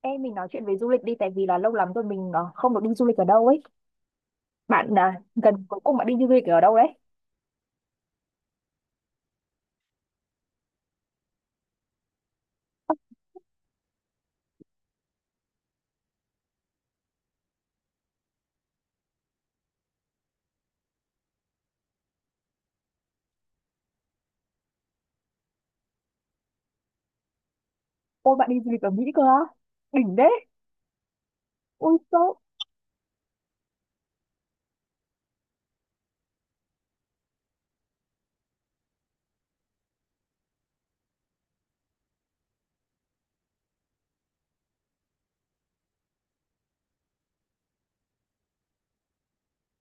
Ê, mình nói chuyện về du lịch đi, tại vì là lâu lắm rồi mình không được đi du lịch ở đâu ấy. Bạn à, gần cuối cùng bạn đi du lịch ở đâu đấy? Ôi, bạn đi du lịch ở Mỹ cơ á? Đỉnh đấy. Ui sốc.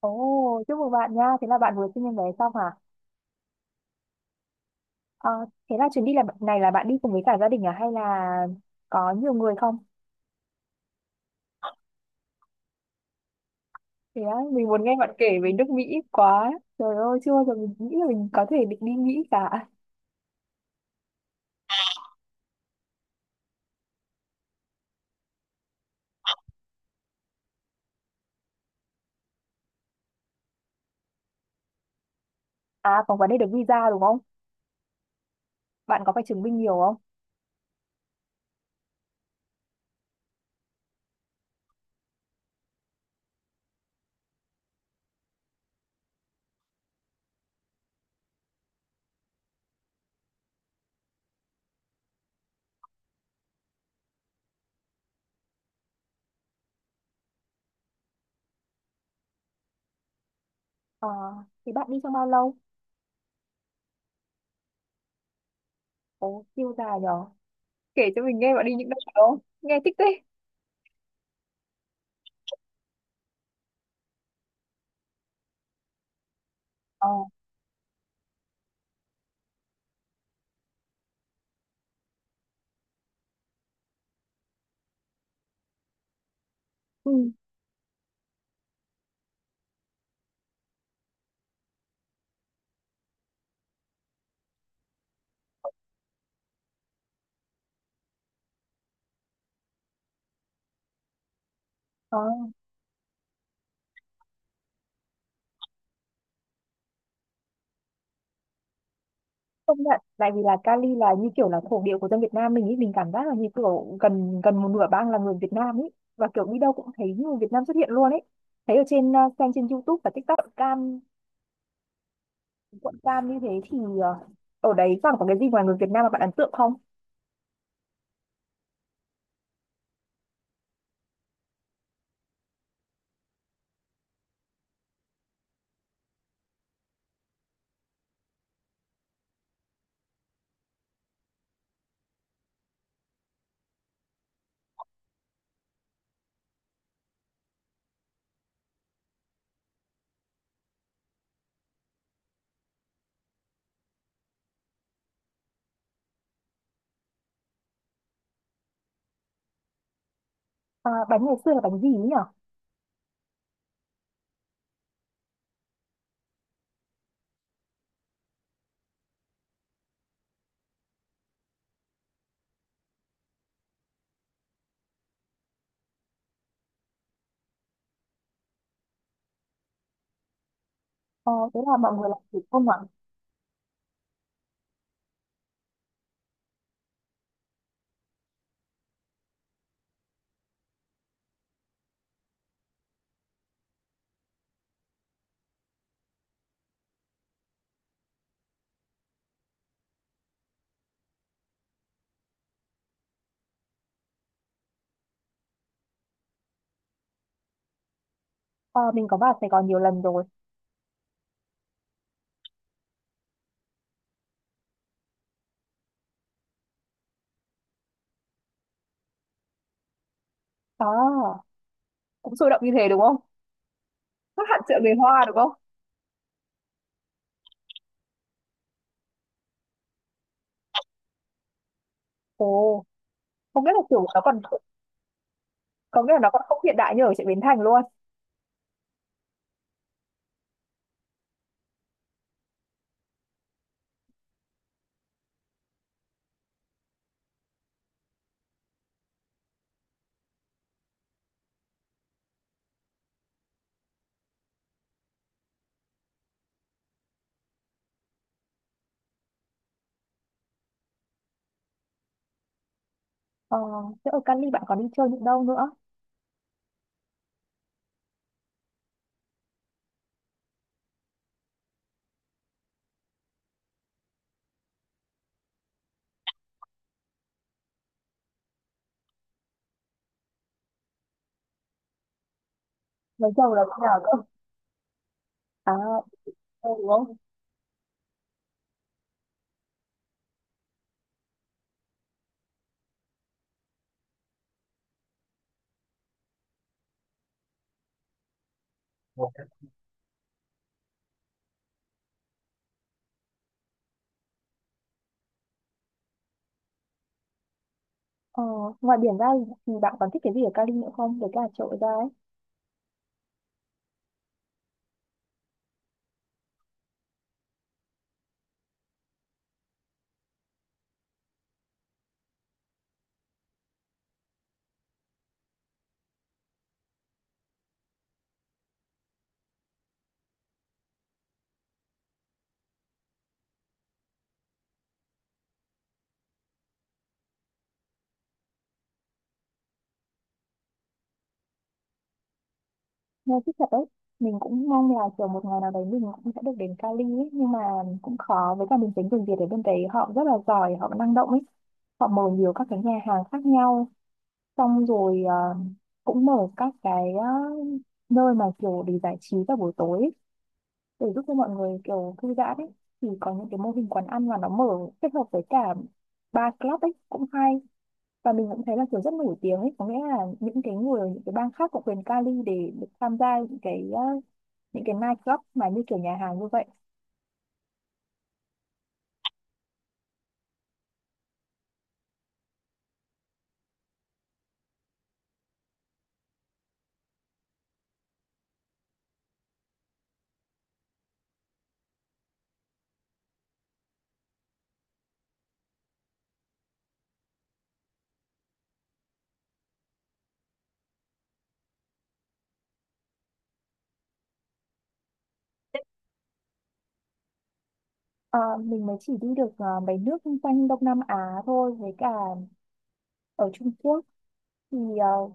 Ồ, chúc mừng bạn nha. Thế là bạn vừa sinh em bé xong hả? Ờ, thế là chuyến đi là này là bạn đi cùng với cả gia đình à, hay là có nhiều người không? Thế á, mình muốn nghe bạn kể về nước Mỹ quá. Trời ơi, chưa bao giờ mình nghĩ là mình có thể định đi Mỹ cả. À, còn vấn đề được visa đúng không? Bạn có phải chứng minh nhiều không? Ờ, thế bạn đi trong bao lâu? Ồ, siêu dài nhở. Kể cho mình nghe bạn đi những đâu đó, nghe thích thế. Ờ, ừ, ờ, công nhận, tại vì là Cali là như kiểu là thổ địa của dân Việt Nam mình ý, mình cảm giác là như kiểu gần gần một nửa bang là người Việt Nam ý, và kiểu đi đâu cũng thấy người Việt Nam xuất hiện luôn ấy. Thấy ở trên, xem trên YouTube và TikTok, quận Cam, quận Cam như thế thì ở đấy còn có cái gì ngoài người Việt Nam mà bạn ấn tượng không? À, bánh ngày xưa là bánh gì ý nhở? Ờ, thế là mọi người làm thủ công ạ? Ờ, mình có vào Sài Gòn nhiều lần rồi. Đó, cũng sôi động như thế đúng không? Khác hẳn chợ người Hoa đúng không? Ồ, không biết là kiểu nó còn, có nghĩa là nó còn không hiện đại như ở chợ Bến Thành luôn. Ờ, thế ở Cali bạn còn đi chơi những đâu nữa? Lấy chồng là cũng nào cơ. À, ừ, đúng không. Ờ, ngoài biển ra thì bạn còn thích cái gì ở Cali nữa không, để cả chỗ ra ấy? Nghe thích thật đấy. Mình cũng mong là kiểu một ngày nào đấy mình cũng sẽ được đến Cali ấy, nhưng mà cũng khó. Với cả mình tính người Việt ở bên đấy họ rất là giỏi, họ năng động ấy, họ mở nhiều các cái nhà hàng khác nhau, xong rồi cũng mở các cái nơi mà kiểu để giải trí vào buổi tối ấy, để giúp cho mọi người kiểu thư giãn ấy. Thì có những cái mô hình quán ăn mà nó mở kết hợp với cả bar club ấy cũng hay. Và mình cũng thấy là kiểu rất nổi tiếng ấy, có nghĩa là những cái người, những cái bang khác của quyền Cali để được tham gia những cái những cái night club mà như kiểu nhà hàng như vậy. Ờ, mình mới chỉ đi được mấy nước quanh Đông Nam Á thôi, với cả ở Trung Quốc, thì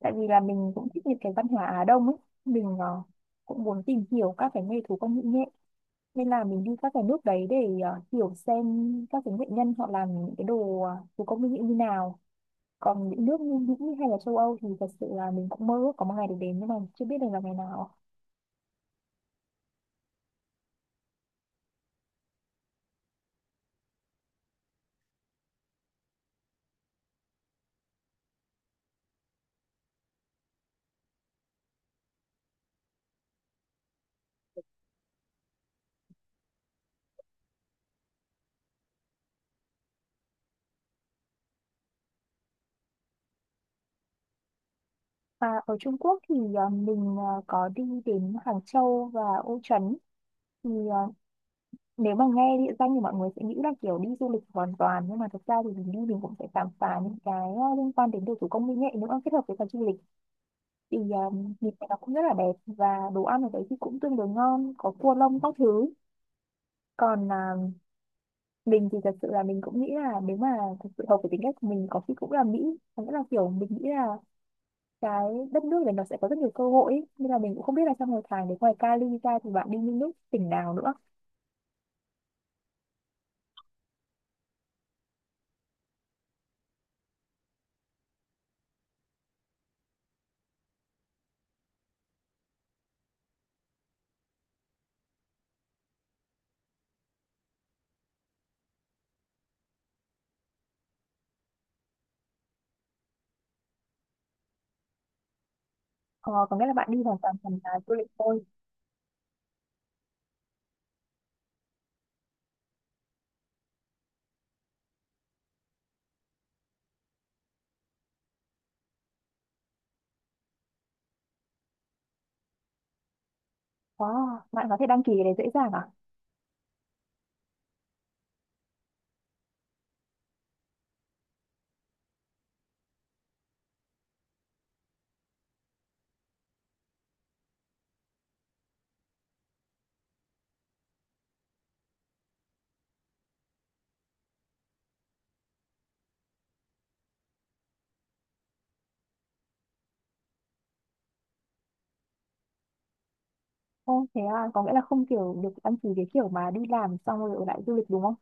tại vì là mình cũng thích những cái văn hóa Á Đông ấy, mình cũng muốn tìm hiểu các cái nghề thủ công mỹ nghệ, nên là mình đi các cái nước đấy để hiểu xem các cái nghệ nhân họ làm những cái đồ thủ công mỹ nghệ như nào. Còn những nước như Mỹ hay là châu Âu thì thật sự là mình cũng mơ ước có một ngày được đến, nhưng mà chưa biết được là ngày nào. Và ở Trung Quốc thì mình có đi đến Hàng Châu và Ô Trấn. Thì ờ, nếu mà nghe địa danh thì mọi người sẽ nghĩ là kiểu đi du lịch hoàn toàn, nhưng mà thực ra thì mình đi mình cũng sẽ khám phá những cái liên quan đến đồ thủ công mỹ nghệ nữa, kết hợp với cả du lịch. Thì thịt này nó cũng rất là đẹp, và đồ ăn ở đấy thì cũng tương đối ngon, có cua lông các thứ. Còn à, mình thì thật sự là mình cũng nghĩ là nếu mà thật sự hợp với tính cách của mình, có khi cũng là Mỹ. Có nghĩa là kiểu mình nghĩ là cái đất nước này nó sẽ có rất nhiều cơ hội ấy. Nên là mình cũng không biết là trong một tháng, đến ngoài Cali ra thì bạn đi những nước tỉnh nào nữa? Ờ, có nghĩa là bạn đi hoàn toàn thành là du lịch thôi? Wow, bạn có thể đăng ký cái đấy dễ dàng à? Ồ, thế à, có nghĩa là không kiểu được đăng ký cái kiểu mà đi làm xong rồi ở lại du lịch đúng không?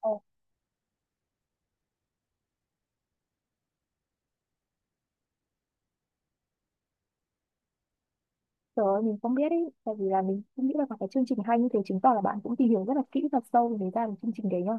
Ờ, trời ơi, mình không biết ý, tại vì là mình cũng nghĩ là có cái chương trình hay như thế, chứng tỏ là bạn cũng tìm hiểu rất là kỹ và sâu về ra được chương trình đấy nhá.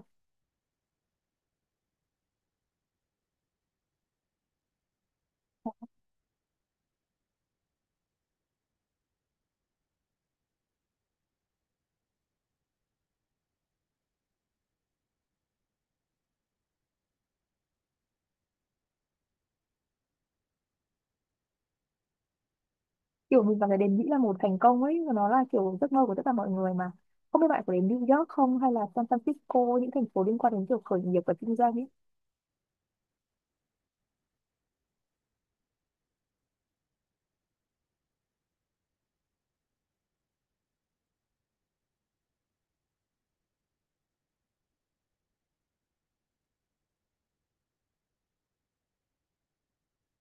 Kiểu mình vào cái đền Mỹ là một thành công ấy, và nó là kiểu giấc mơ của tất cả mọi người mà. Không biết bạn có đến New York không, hay là San Francisco, những thành phố liên quan đến kiểu khởi nghiệp và kinh doanh ấy.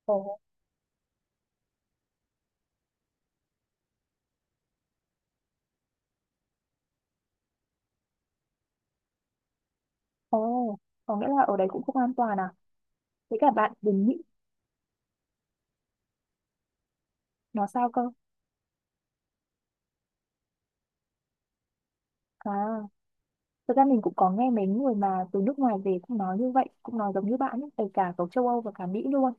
Ồ, ồ, có nghĩa là ở đấy cũng không an toàn à? Thế cả bạn đến Mỹ nó sao cơ? À, thực ra mình cũng có nghe mấy người mà từ nước ngoài về cũng nói như vậy, cũng nói giống như bạn ấy, kể cả ở châu Âu và cả Mỹ luôn.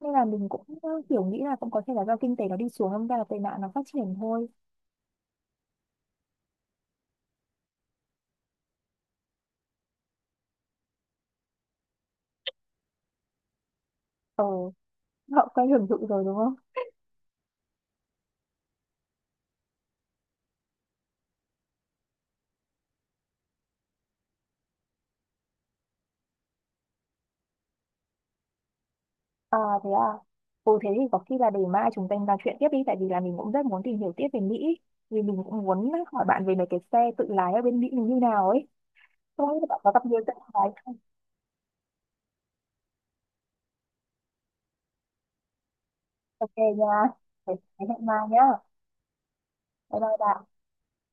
Nên là mình cũng kiểu nghĩ là cũng có thể là do kinh tế nó đi xuống, đâm ra là tệ nạn nó phát triển thôi. Ờ, họ quen hưởng thụ rồi đúng không. À, thế à. Ừ, thế thì có khi là để mai chúng ta nói chuyện tiếp đi, tại vì là mình cũng rất muốn tìm hiểu tiếp về Mỹ. Vì mình cũng muốn hỏi bạn về mấy cái xe tự lái ở bên Mỹ mình như nào ấy, không biết là bạn có gặp nhiều tự lái không. Ok nha, thế hẹn mai nhá. Bye bye bạn.